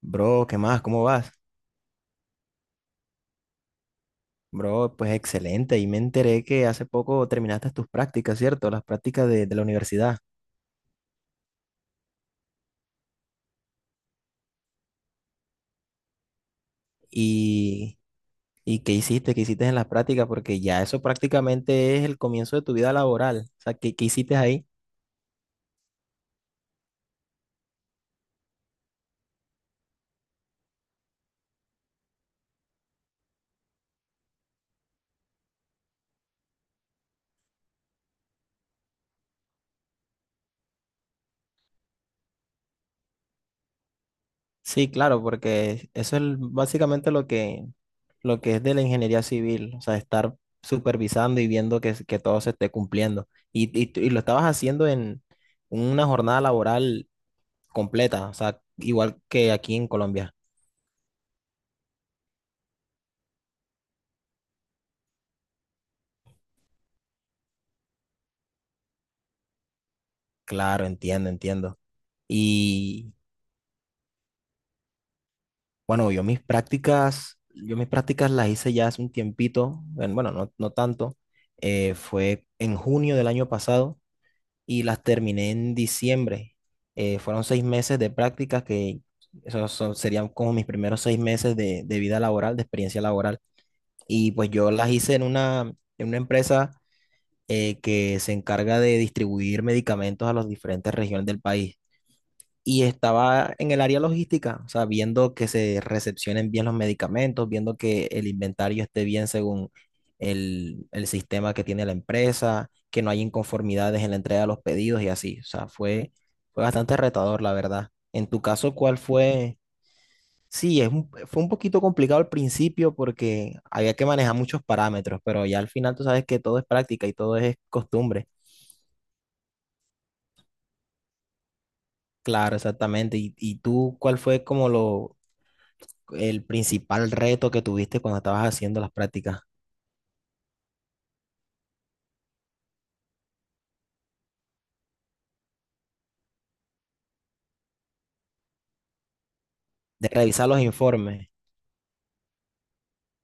Bro, ¿qué más? ¿Cómo vas? Bro, pues excelente. Y me enteré que hace poco terminaste tus prácticas, ¿cierto? Las prácticas de la universidad. ¿Y, y qué hiciste? ¿Qué hiciste en las prácticas? Porque ya eso prácticamente es el comienzo de tu vida laboral. O sea, ¿qué hiciste ahí? Sí, claro, porque eso es básicamente lo que es de la ingeniería civil. O sea, estar supervisando y viendo que todo se esté cumpliendo. Y lo estabas haciendo en una jornada laboral completa, o sea, igual que aquí en Colombia. Claro, entiendo, entiendo. Y bueno, yo mis prácticas las hice ya hace un tiempito, bueno, no, no tanto, fue en junio del año pasado y las terminé en diciembre. Fueron 6 meses de prácticas que serían como mis primeros 6 meses de vida laboral, de experiencia laboral. Y pues yo las hice en una empresa que se encarga de distribuir medicamentos a las diferentes regiones del país. Y estaba en el área logística, o sea, viendo que se recepcionen bien los medicamentos, viendo que el inventario esté bien según el sistema que tiene la empresa, que no hay inconformidades en la entrega de los pedidos y así. O sea, fue bastante retador, la verdad. En tu caso, ¿cuál fue? Sí, fue un poquito complicado al principio porque había que manejar muchos parámetros, pero ya al final tú sabes que todo es práctica y todo es costumbre. Claro, exactamente. ¿Y tú cuál fue como el principal reto que tuviste cuando estabas haciendo las prácticas? De revisar los informes.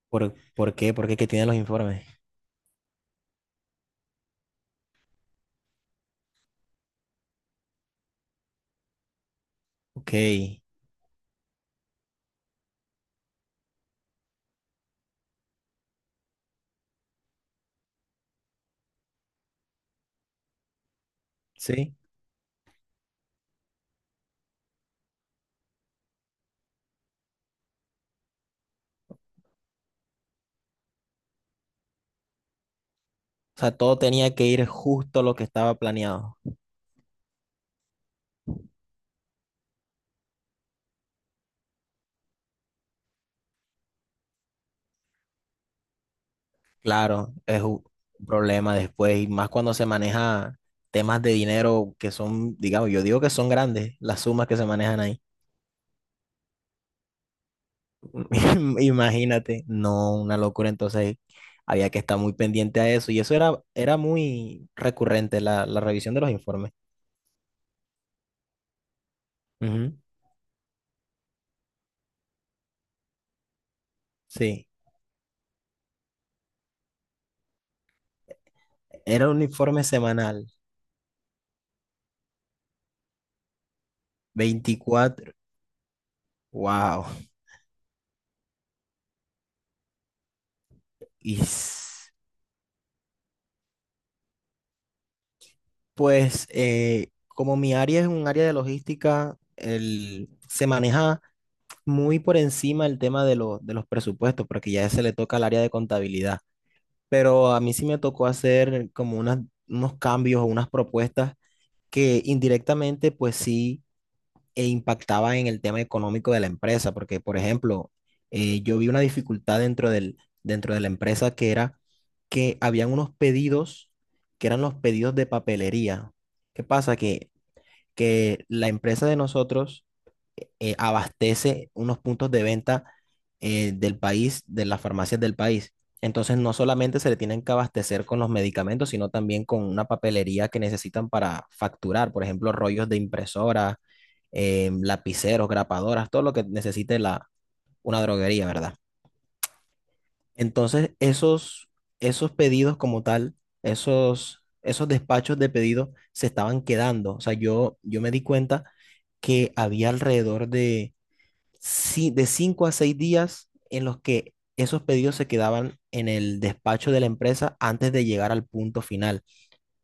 ¿Por qué? ¿Por qué que tienen los informes? Ok, sí. O sea, todo tenía que ir justo lo que estaba planeado. Claro, es un problema después, y más cuando se maneja temas de dinero que son, digamos, yo digo que son grandes las sumas que se manejan ahí. Imagínate, no, una locura. Entonces había que estar muy pendiente a eso. Y eso era muy recurrente, la revisión de los informes. Ujú, sí, era un informe semanal, 24, wow. Y pues, como mi área es un área de logística, se maneja muy por encima el tema de los presupuestos, porque ya se le toca al área de contabilidad. Pero a mí sí me tocó hacer como unos cambios o unas propuestas que indirectamente pues sí impactaba en el tema económico de la empresa, porque por ejemplo, yo vi una dificultad dentro de la empresa que era que habían unos pedidos que eran los pedidos de papelería. ¿Qué pasa? Que la empresa de nosotros abastece unos puntos de venta del país, de las farmacias del país. Entonces, no solamente se le tienen que abastecer con los medicamentos, sino también con una papelería que necesitan para facturar, por ejemplo, rollos de impresora, lapiceros, grapadoras, todo lo que necesite una droguería, ¿verdad? Entonces, esos pedidos como tal, esos despachos de pedidos se estaban quedando. O sea, yo me di cuenta que había alrededor de de 5 a 6 días en los que esos pedidos se quedaban en el despacho de la empresa antes de llegar al punto final.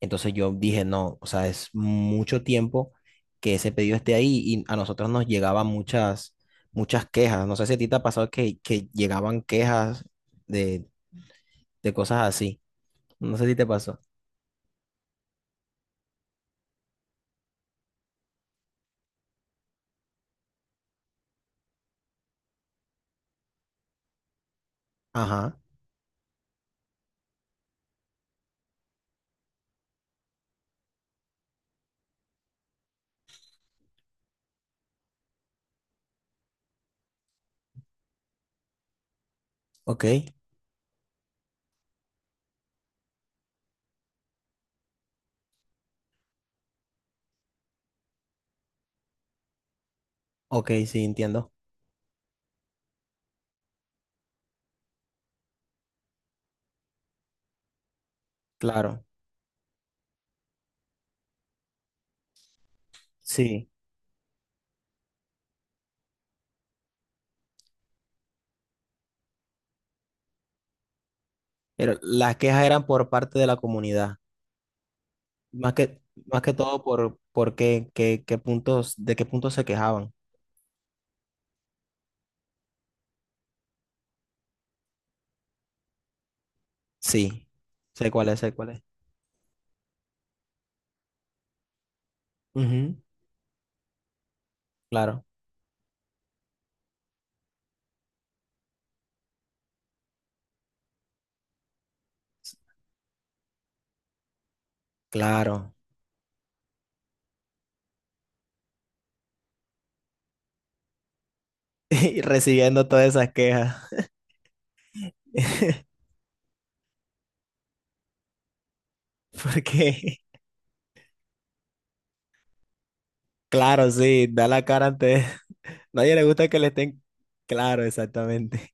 Entonces yo dije, no, o sea, es mucho tiempo que ese pedido esté ahí y a nosotros nos llegaban muchas quejas. No sé si a ti te ha pasado que llegaban quejas de, de cosas así. No sé si te pasó. Ajá, ok, ok, sí, entiendo. Claro, sí. Pero las quejas eran por parte de la comunidad. Más que, más que todo por, qué puntos, de qué puntos se quejaban. Sí, sé cuál es, sé cuál es. Ujú, claro, claro. Y recibiendo todas esas quejas, porque, claro, sí, da la cara ante... Nadie le gusta que le estén... Claro, exactamente.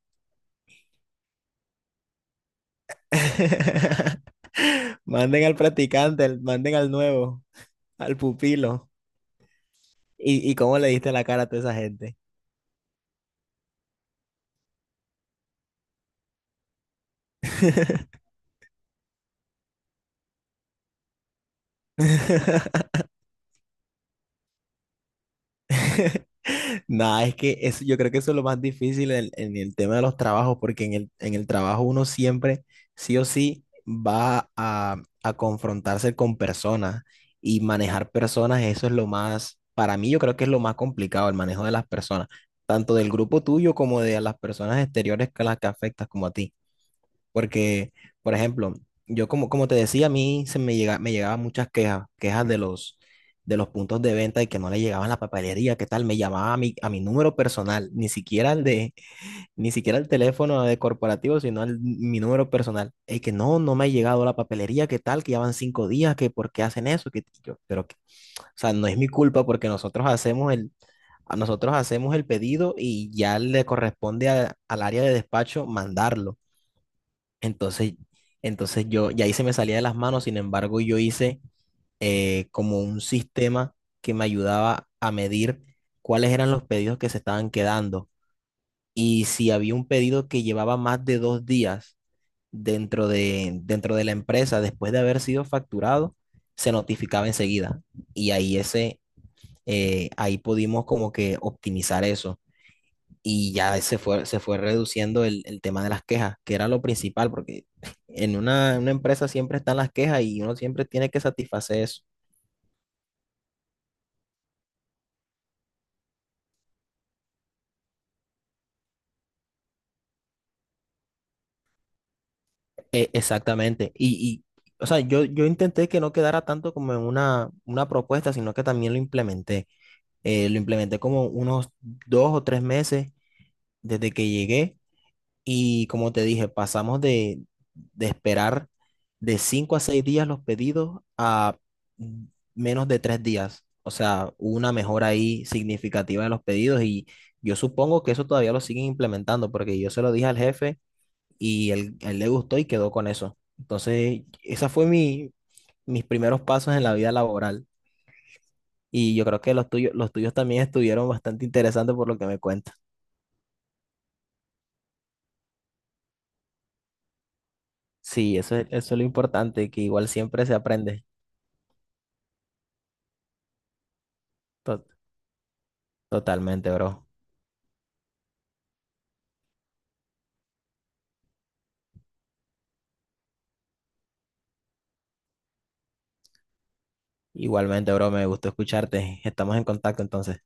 Manden al practicante, manden al nuevo, al pupilo. ¿Y cómo le diste la cara a toda esa gente? Nada, es que eso, yo creo que eso es lo más difícil en el tema de los trabajos, porque en el trabajo uno siempre, sí o sí, a confrontarse con personas y manejar personas, eso es lo más, para mí yo creo que es lo más complicado, el manejo de las personas, tanto del grupo tuyo como de las personas exteriores que las que afectas como a ti. Porque, por ejemplo, yo como te decía, a mí se me llega, me llegaban muchas quejas, quejas de los puntos de venta y que no le llegaban la papelería, qué tal, me llamaba a mi número personal, ni siquiera el de, ni siquiera el teléfono de corporativo, sino mi número personal. Es que no, no me ha llegado la papelería, qué tal, que ya van 5 días, que por qué hacen eso, que yo, pero que, o sea, no es mi culpa porque nosotros a nosotros hacemos el pedido y ya le corresponde al área de despacho mandarlo. Entonces, entonces yo, y ahí se me salía de las manos, sin embargo, yo hice como un sistema que me ayudaba a medir cuáles eran los pedidos que se estaban quedando. Y si había un pedido que llevaba más de 2 días dentro de la empresa, después de haber sido facturado, se notificaba enseguida. Y ahí ahí pudimos como que optimizar eso y ya se fue reduciendo el tema de las quejas, que era lo principal, porque en una empresa siempre están las quejas y uno siempre tiene que satisfacer eso. Exactamente. O sea, yo intenté que no quedara tanto como en una propuesta, sino que también lo implementé. Lo implementé como unos 2 o 3 meses desde que llegué. Y como te dije, pasamos de esperar de 5 a 6 días los pedidos a mm, menos de 3 días. O sea, hubo una mejora ahí significativa de los pedidos y yo supongo que eso todavía lo siguen implementando porque yo se lo dije al jefe y él le gustó y quedó con eso. Entonces, esa fue mis primeros pasos en la vida laboral y yo creo que los tuyos también estuvieron bastante interesantes por lo que me cuentas. Sí, eso, eso es lo importante, que igual siempre se aprende. To- Totalmente, bro. Igualmente, bro, me gustó escucharte. Estamos en contacto entonces.